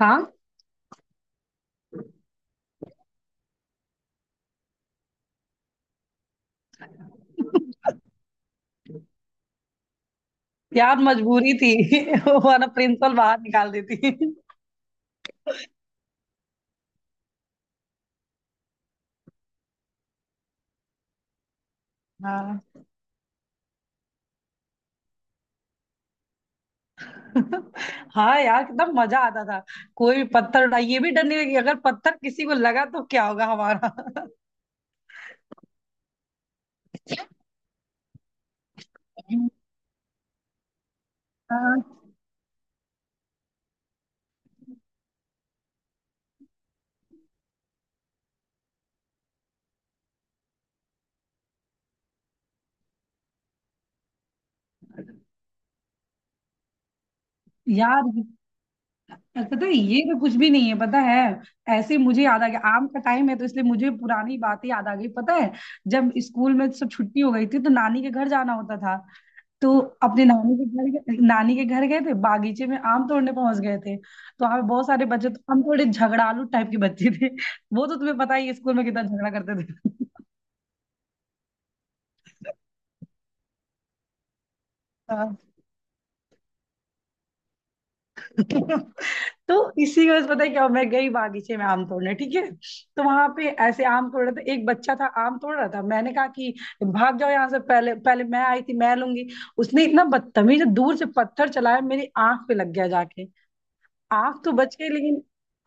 हाँ, यार मजबूरी थी वरना प्रिंसिपल बाहर निकाल देती। हाँ। हाँ यार कितना मजा आता था। कोई भी पत्थर उठा, ये भी डर नहीं लगी अगर पत्थर किसी को लगा तो क्या होगा हमारा। हाँ, यार पता है ये तो कुछ भी नहीं है, पता है ऐसे ही मुझे याद आ गया। आम का टाइम है तो इसलिए मुझे पुरानी बातें याद आ गई। पता है जब स्कूल में सब छुट्टी हो गई थी तो नानी के घर जाना होता था। तो अपने नानी के घर गए, नानी के घर गए थे, बागीचे में आम तोड़ने पहुंच गए थे। तो वहां पे बहुत सारे बच्चे, तो हम थोड़े झगड़ालू टाइप के बच्चे थे। वो तो तुम्हें पता ही है, स्कूल में कितना झगड़ा करते थे। हाँ। तो इसी वजह से पता है क्या हुआ? मैं गई बागीचे में आम तोड़ने, ठीक है। तो वहां पे ऐसे आम तोड़ रहे थे, एक बच्चा था आम तोड़ रहा था, मैंने कहा कि भाग जाओ यहाँ से, पहले पहले मैं आई थी, मैं लूंगी। उसने इतना बदतमीज दूर से पत्थर चलाया, मेरी आंख पे लग गया जाके। आग तो बच गई लेकिन,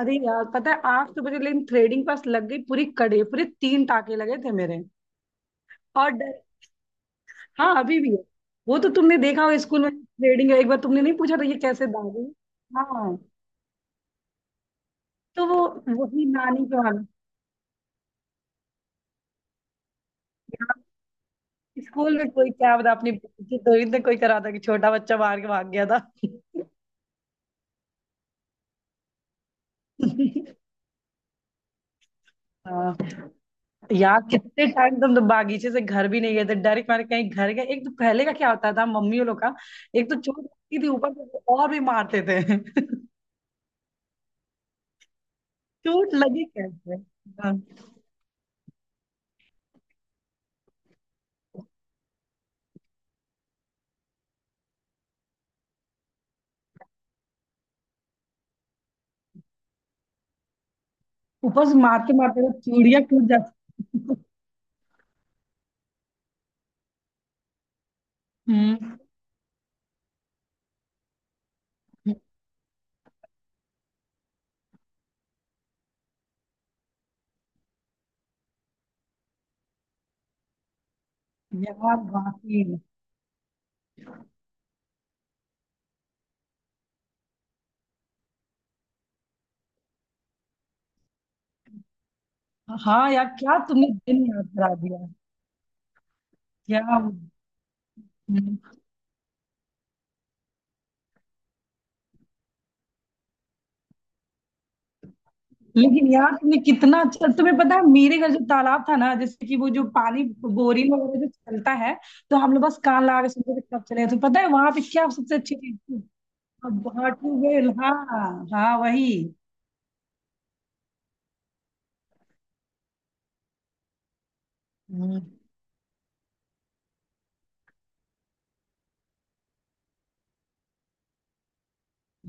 अरे यार पता है आग तो बच गई लेकिन थ्रेडिंग पास लग गई पूरी, कड़े पूरे 3 टाके लगे थे मेरे। और डर, हाँ अभी भी है। वो तो तुमने देखा हो स्कूल में, थ्रेडिंग, एक बार तुमने नहीं पूछा था ये कैसे दाग है? हाँ। तो वो वही नानी के वहां, यहाँ स्कूल में कोई क्या बता, अपनी बेइज्जती थोड़ी ना कोई करा था कि छोटा बच्चा मार के भाग गया था। हाँ यार कितने टाइम से, हम तो बागीचे से घर भी नहीं गए थे डायरेक्ट, हमारे कहीं घर गए। एक तो पहले का क्या होता था मम्मी लोग का, एक तो चोट लगती थी ऊपर से तो और भी मारते थे। चोट लगी कैसे हाँ, ऊपर से मारते मारते वो चूड़ियां टूट जाती। हम्म। यार वाकई में। हाँ यार क्या तुमने दिन याद करा दिया। क्या। हम्म, लेकिन यार तुमने कितना अच्छा, तुम्हें पता है मेरे घर जो तालाब था ना, जैसे कि वो जो पानी बोरिंग वगैरह जो चलता है, तो हम लोग बस कान लगा के सुनते थे कब चले। तो पता है वहां पे क्या सबसे अच्छी चीज थी? अब हाँ, ट्यूबवेल हाँ। हाँ वही। हम्म,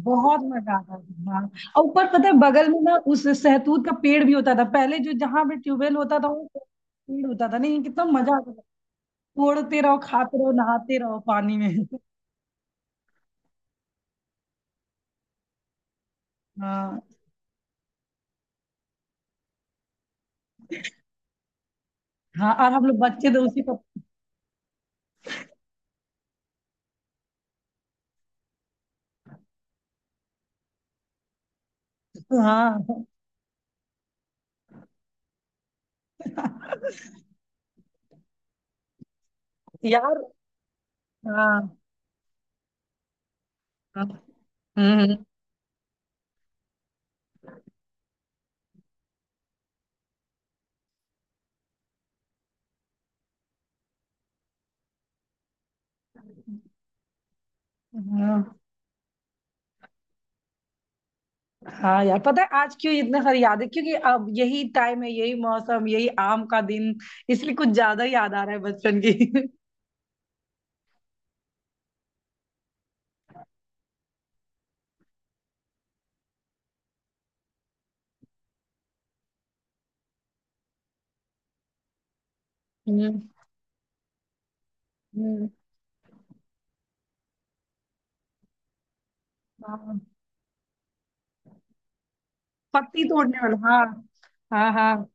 बहुत मजा आता था हाँ। और ऊपर पता है बगल में ना उस सहतूत का पेड़ भी होता था पहले, जो जहां पे ट्यूबवेल होता था वो पेड़ होता था, नहीं कितना मजा आता था। तोड़ते रहो, खाते रहो, नहाते रहो पानी में। हाँ। हाँ और हम लोग बच्चे तो उसी का। हाँ यार। हाँ हाँ। हम्म, हाँ। हाँ यार पता है आज क्यों इतने सारी याद है, क्योंकि अब यही टाइम है, यही मौसम, यही आम का दिन, इसलिए कुछ ज्यादा ही याद आ रहा है बचपन की। हम्म। हम्म, हाँ। पत्ती तोड़ने वाला हाँ। हाँ हाँ।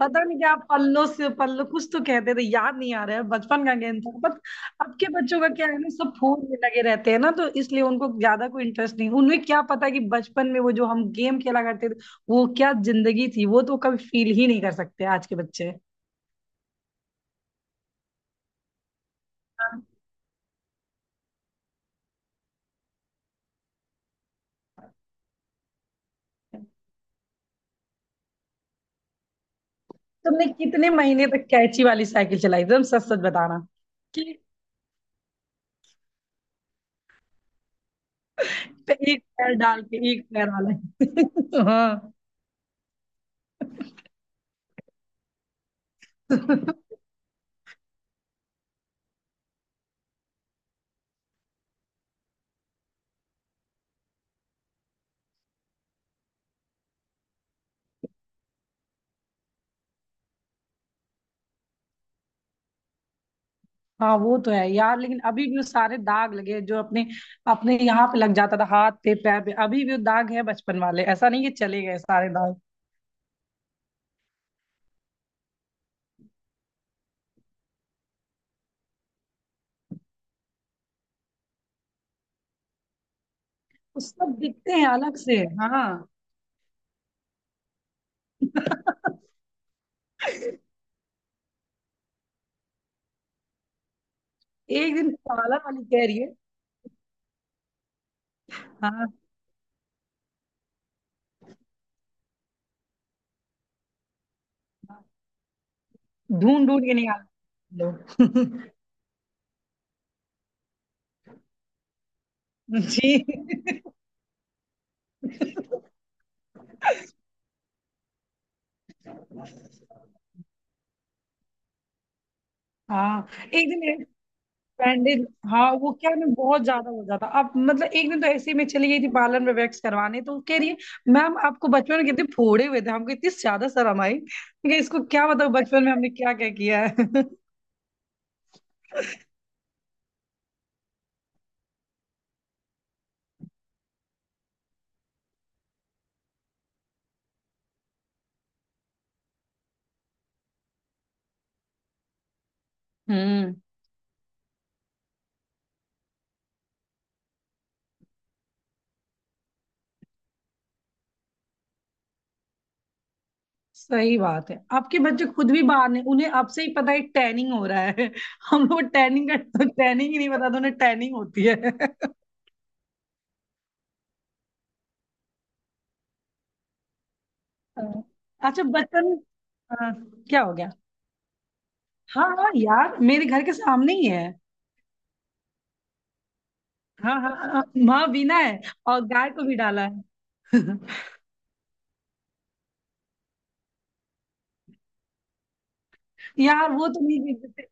पता नहीं क्या, आप पल्लो से पल्लो कुछ तो कहते थे, याद नहीं आ रहा है, बचपन का गेम था बट अब के बच्चों का क्या है ना, सब फोन में लगे रहते हैं ना, तो इसलिए उनको ज्यादा कोई इंटरेस्ट नहीं। उन्हें क्या पता कि बचपन में वो जो हम गेम खेला करते थे, वो क्या जिंदगी थी, वो तो कभी फील ही नहीं कर सकते आज के बच्चे। हाँ। तुमने कितने महीने तक कैची वाली साइकिल चलाई, एकदम सच सच बताना कि? एक पैर डाल के, एक पैर वाला। हाँ हाँ। वो तो है यार, लेकिन अभी भी वो सारे दाग लगे हैं, जो अपने अपने यहाँ पे लग जाता था हाथ पे पैर पे, अभी भी वो दाग है बचपन वाले, ऐसा नहीं कि चले गए सारे दाग। वो सब दिखते हैं अलग से। हाँ। एक दिन पाला वाली कह रही है। हाँ ढूंढ ढूंढ के निकाल लो। जी। हाँ एक दिन, बैंडेज, हाँ वो क्या ना, बहुत ज्यादा हो जाता, अब मतलब एक दिन तो ऐसे ही मैं चली गई थी पार्लर में वैक्स करवाने, तो वो कह रही है मैम आपको बचपन में कितने फोड़े हुए थे, हमको इतनी ज्यादा शर्म आई। मैं कहा, इसको क्या बताऊं बचपन में हमने क्या क्या किया है। हम्म। सही बात है, आपके बच्चे खुद भी बाहर ने, उन्हें अब से ही पता है टैनिंग हो रहा है। हम लोग टैनिंग का तो, टैनिंग ही नहीं पता था, उन्हें टैनिंग होती है। हाँ। अच्छा बचपन, हाँ, क्या हो गया? हाँ हाँ यार, मेरे घर के सामने ही है। हाँ हाँ हाँ, माँ बिना है और गाय को भी डाला है। यार वो तो नहीं देते थे,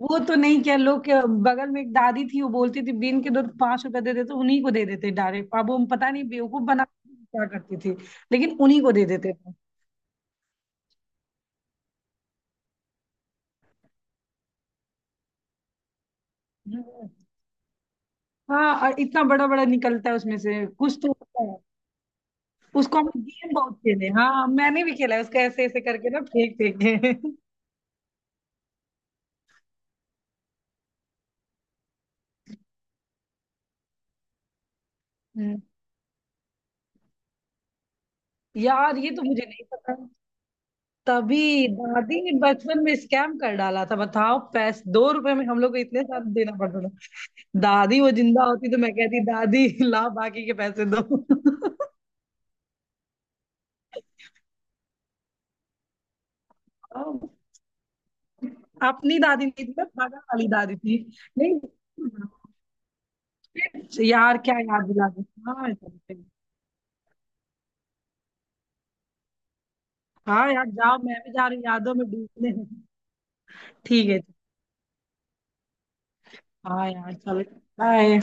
वो तो नहीं क्या लोग के, बगल में एक दादी थी वो बोलती थी बीन के दूध, ₹5 दे देते, उन्हीं को दे देते डायरेक्ट, अब हम पता नहीं बेवकूफ बना के क्या करती थी, लेकिन उन्हीं को दे देते थे। हम्म। हाँ और इतना बड़ा बड़ा निकलता है उसमें से, कुछ तो होता है। उसको हम गेम बहुत खेले, हाँ मैंने भी खेला है उसको ऐसे ऐसे करके ना, फेंक फेंक के। हम्म। यार ये तो मुझे नहीं पता। तभी दादी ने बचपन में स्कैम कर डाला था बताओ, पैस ₹2 में हम लोग को इतने साथ देना पड़ता था। दादी वो जिंदा होती तो मैं कहती दादी लाओ बाकी के पैसे दो। अपनी दादी नहीं थी, मैं बगल वाली दादी थी। नहीं यार क्या याद दिला दी। हाँ यार। हाँ यार, जाओ मैं भी जा रही हूँ यादों में डूबने। ठीक है। हाँ यार चलो। बाय।